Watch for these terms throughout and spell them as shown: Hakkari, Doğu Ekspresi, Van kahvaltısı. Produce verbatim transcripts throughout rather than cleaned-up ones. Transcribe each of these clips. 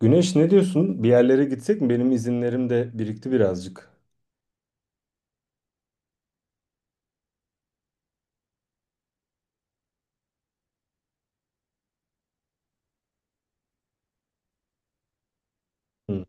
Güneş ne diyorsun? Bir yerlere gitsek mi? Benim izinlerim de birikti birazcık. Hı.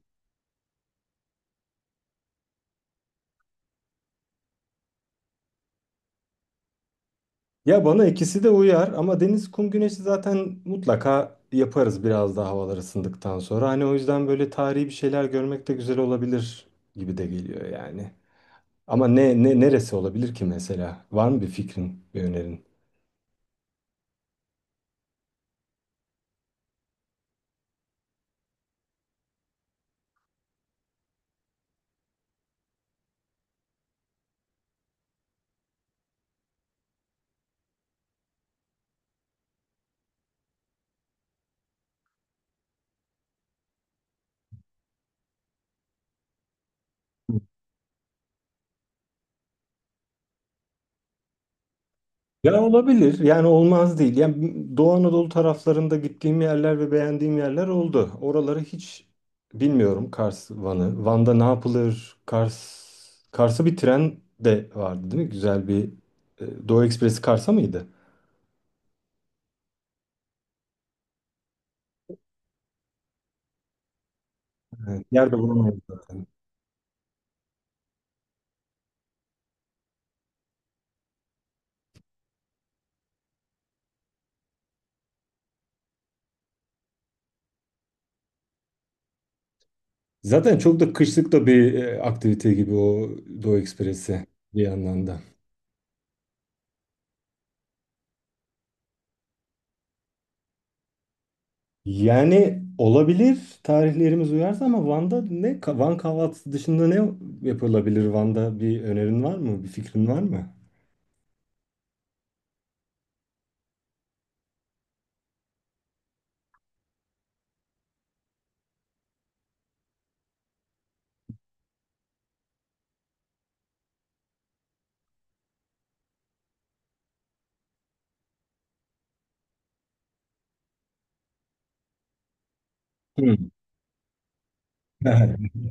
Ya bana ikisi de uyar ama deniz, kum, güneşi zaten mutlaka yaparız biraz daha havalar ısındıktan sonra. Hani o yüzden böyle tarihi bir şeyler görmek de güzel olabilir gibi de geliyor yani. Ama ne, ne neresi olabilir ki mesela? Var mı bir fikrin, bir önerin? Ya olabilir. Yani olmaz değil. Yani Doğu Anadolu taraflarında gittiğim yerler ve beğendiğim yerler oldu. Oraları hiç bilmiyorum Kars, Van'ı. Van'da ne yapılır? Kars, Kars'a bir tren de vardı değil mi? Güzel bir e, Doğu Ekspresi Kars'a mıydı? Evet. Yer de bulamadım zaten. Zaten çok da kışlık da bir e, aktivite gibi o Doğu Ekspresi bir yandan da. Yani olabilir tarihlerimiz uyarsa ama Van'da ne Van kahvaltısı dışında ne yapılabilir Van'da bir önerin var mı? Bir fikrin var mı? Hmm.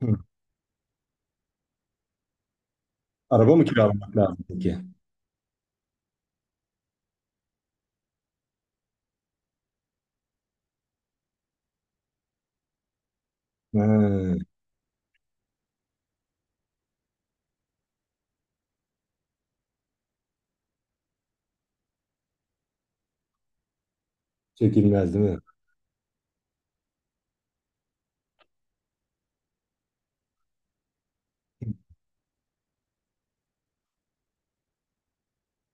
Hmm. Araba mı kiralamak lazım peki? Ha, çekilmez değil mi?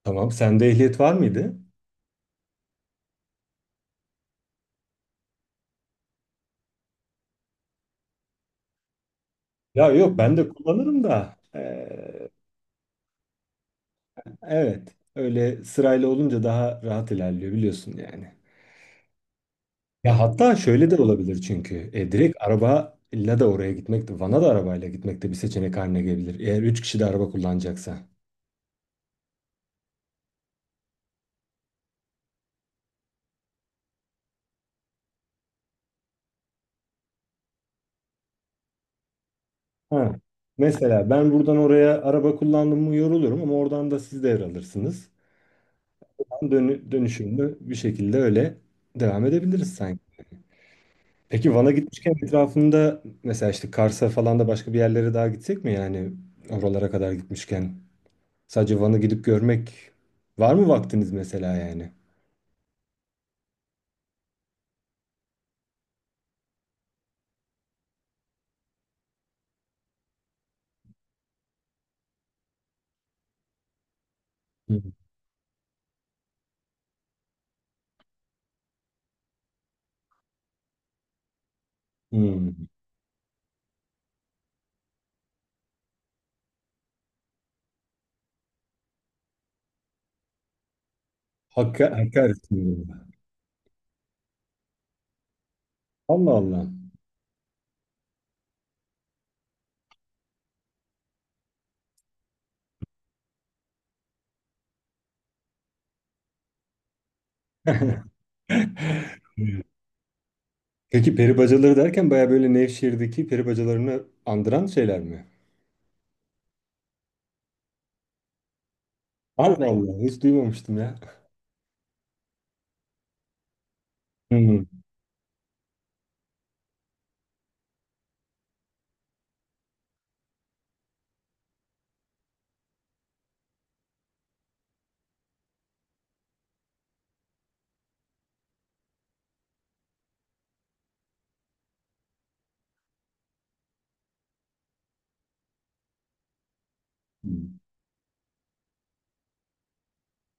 Tamam. Sende ehliyet var mıydı? Ya yok ben de kullanırım da. Ee, evet. Öyle sırayla olunca daha rahat ilerliyor biliyorsun yani. Ya hatta şöyle de olabilir çünkü. E, direkt arabayla da oraya gitmek de, Van'a da arabayla gitmek de bir seçenek haline gelebilir. Eğer üç kişi de araba kullanacaksa. Ha. Mesela ben buradan oraya araba kullandım mı yorulurum ama oradan da siz devralırsınız. Ben Dönü Dönüşümlü bir şekilde öyle devam edebiliriz sanki. Peki Van'a gitmişken etrafında mesela işte Kars'a falan da başka bir yerlere daha gitsek mi yani oralara kadar gitmişken? Sadece Van'ı gidip görmek var mı vaktiniz mesela yani? Hı. Hmm. Hakka, Hakkari sınırı. Allah Allah. Peki peri bacaları derken baya böyle Nevşehir'deki peri bacalarını andıran şeyler mi? Allah Allah hiç duymamıştım ya. Hmm.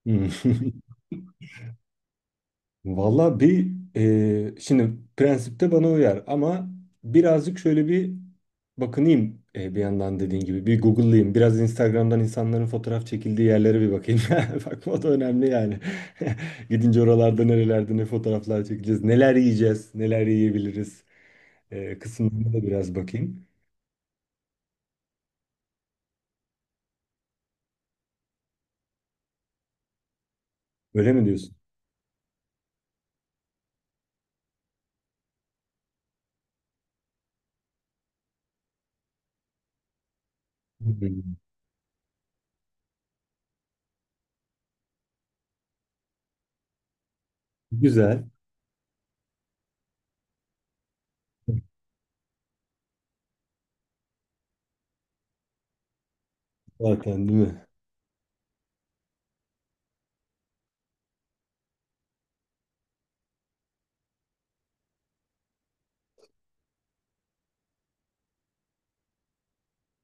Hmm. Valla bir e, şimdi prensipte bana uyar ama birazcık şöyle bir bakınayım e, bir yandan dediğin gibi bir Google'layayım. Biraz Instagram'dan insanların fotoğraf çekildiği yerlere bir bakayım. Bakma o da önemli yani. Gidince oralarda nerelerde ne fotoğraflar çekeceğiz, neler yiyeceğiz, neler yiyebiliriz e, kısımlarına da biraz bakayım. Öyle mi diyorsun? Hmm. Güzel zaten değil mi?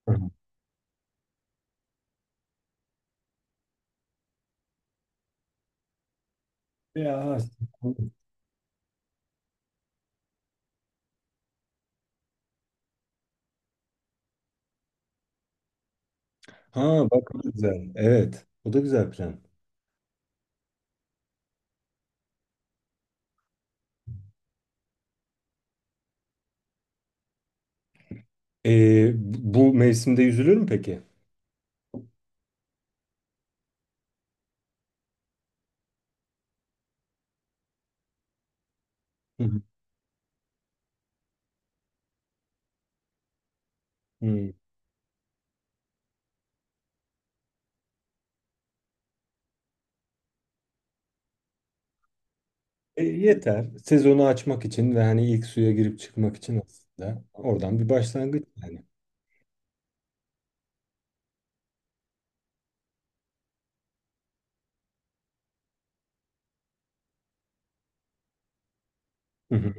Hı hı. Ya. Ha bak o da güzel. Evet. O da güzel plan. Ee, bu mevsimde yüzülür mü peki? Hı hı. Hmm. E, yeter. Sezonu açmak için ve hani ilk suya girip çıkmak için aslında oradan bir başlangıç yani. Hı hı.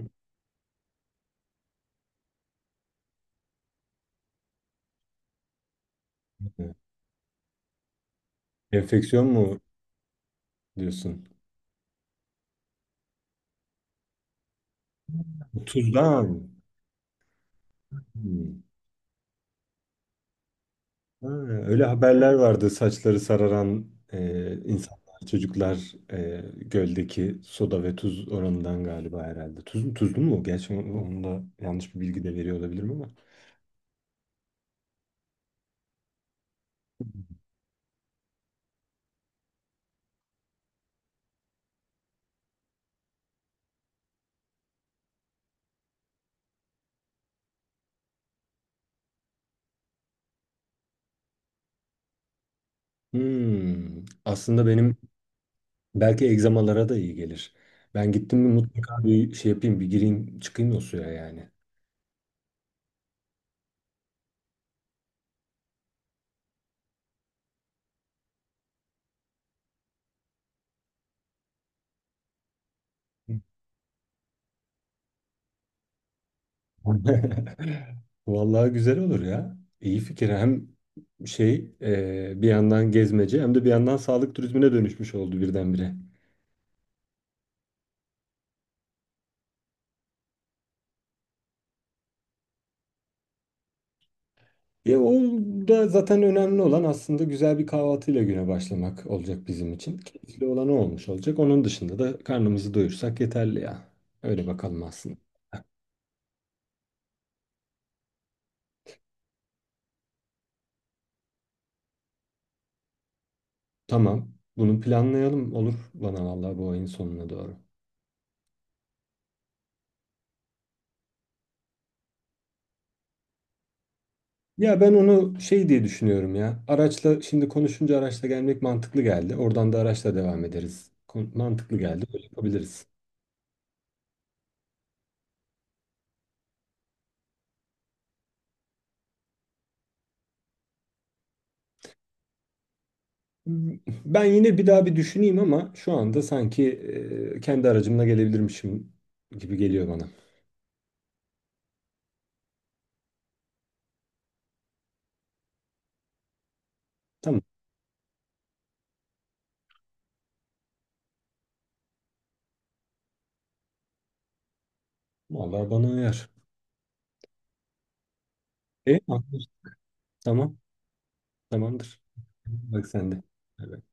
Enfeksiyon mu diyorsun? Tuzdan. Hmm. Ha, öyle haberler vardı saçları sararan e, insanlar, çocuklar e, göldeki soda ve tuz oranından galiba herhalde. Tuz, tuzlu mu? Gerçi onu onu da yanlış bir bilgi de veriyor olabilirim ama. Hmm. Aslında benim belki egzamalara da iyi gelir. Ben gittim mi mutlaka bir şey yapayım, bir gireyim, çıkayım o suya yani. Vallahi güzel olur ya. İyi fikir. Hem şey e, bir yandan gezmece hem de bir yandan sağlık turizmine dönüşmüş oldu birdenbire. Ya o da zaten önemli olan aslında güzel bir kahvaltıyla güne başlamak olacak bizim için. Keyifli olan o olmuş olacak. Onun dışında da karnımızı doyursak yeterli ya. Öyle bakalım aslında. Tamam. Bunu planlayalım. Olur bana vallahi bu ayın sonuna doğru. Ya ben onu şey diye düşünüyorum ya. Araçla şimdi konuşunca araçla gelmek mantıklı geldi. Oradan da araçla devam ederiz. Kon- Mantıklı geldi. Böyle yapabiliriz. Ben yine bir daha bir düşüneyim ama şu anda sanki e, kendi aracımla gelebilirmişim gibi geliyor bana. Tamam. Vallahi bana uyar. E, anlaştık. Tamam. Tamamdır. Bak sen de. Bay bay.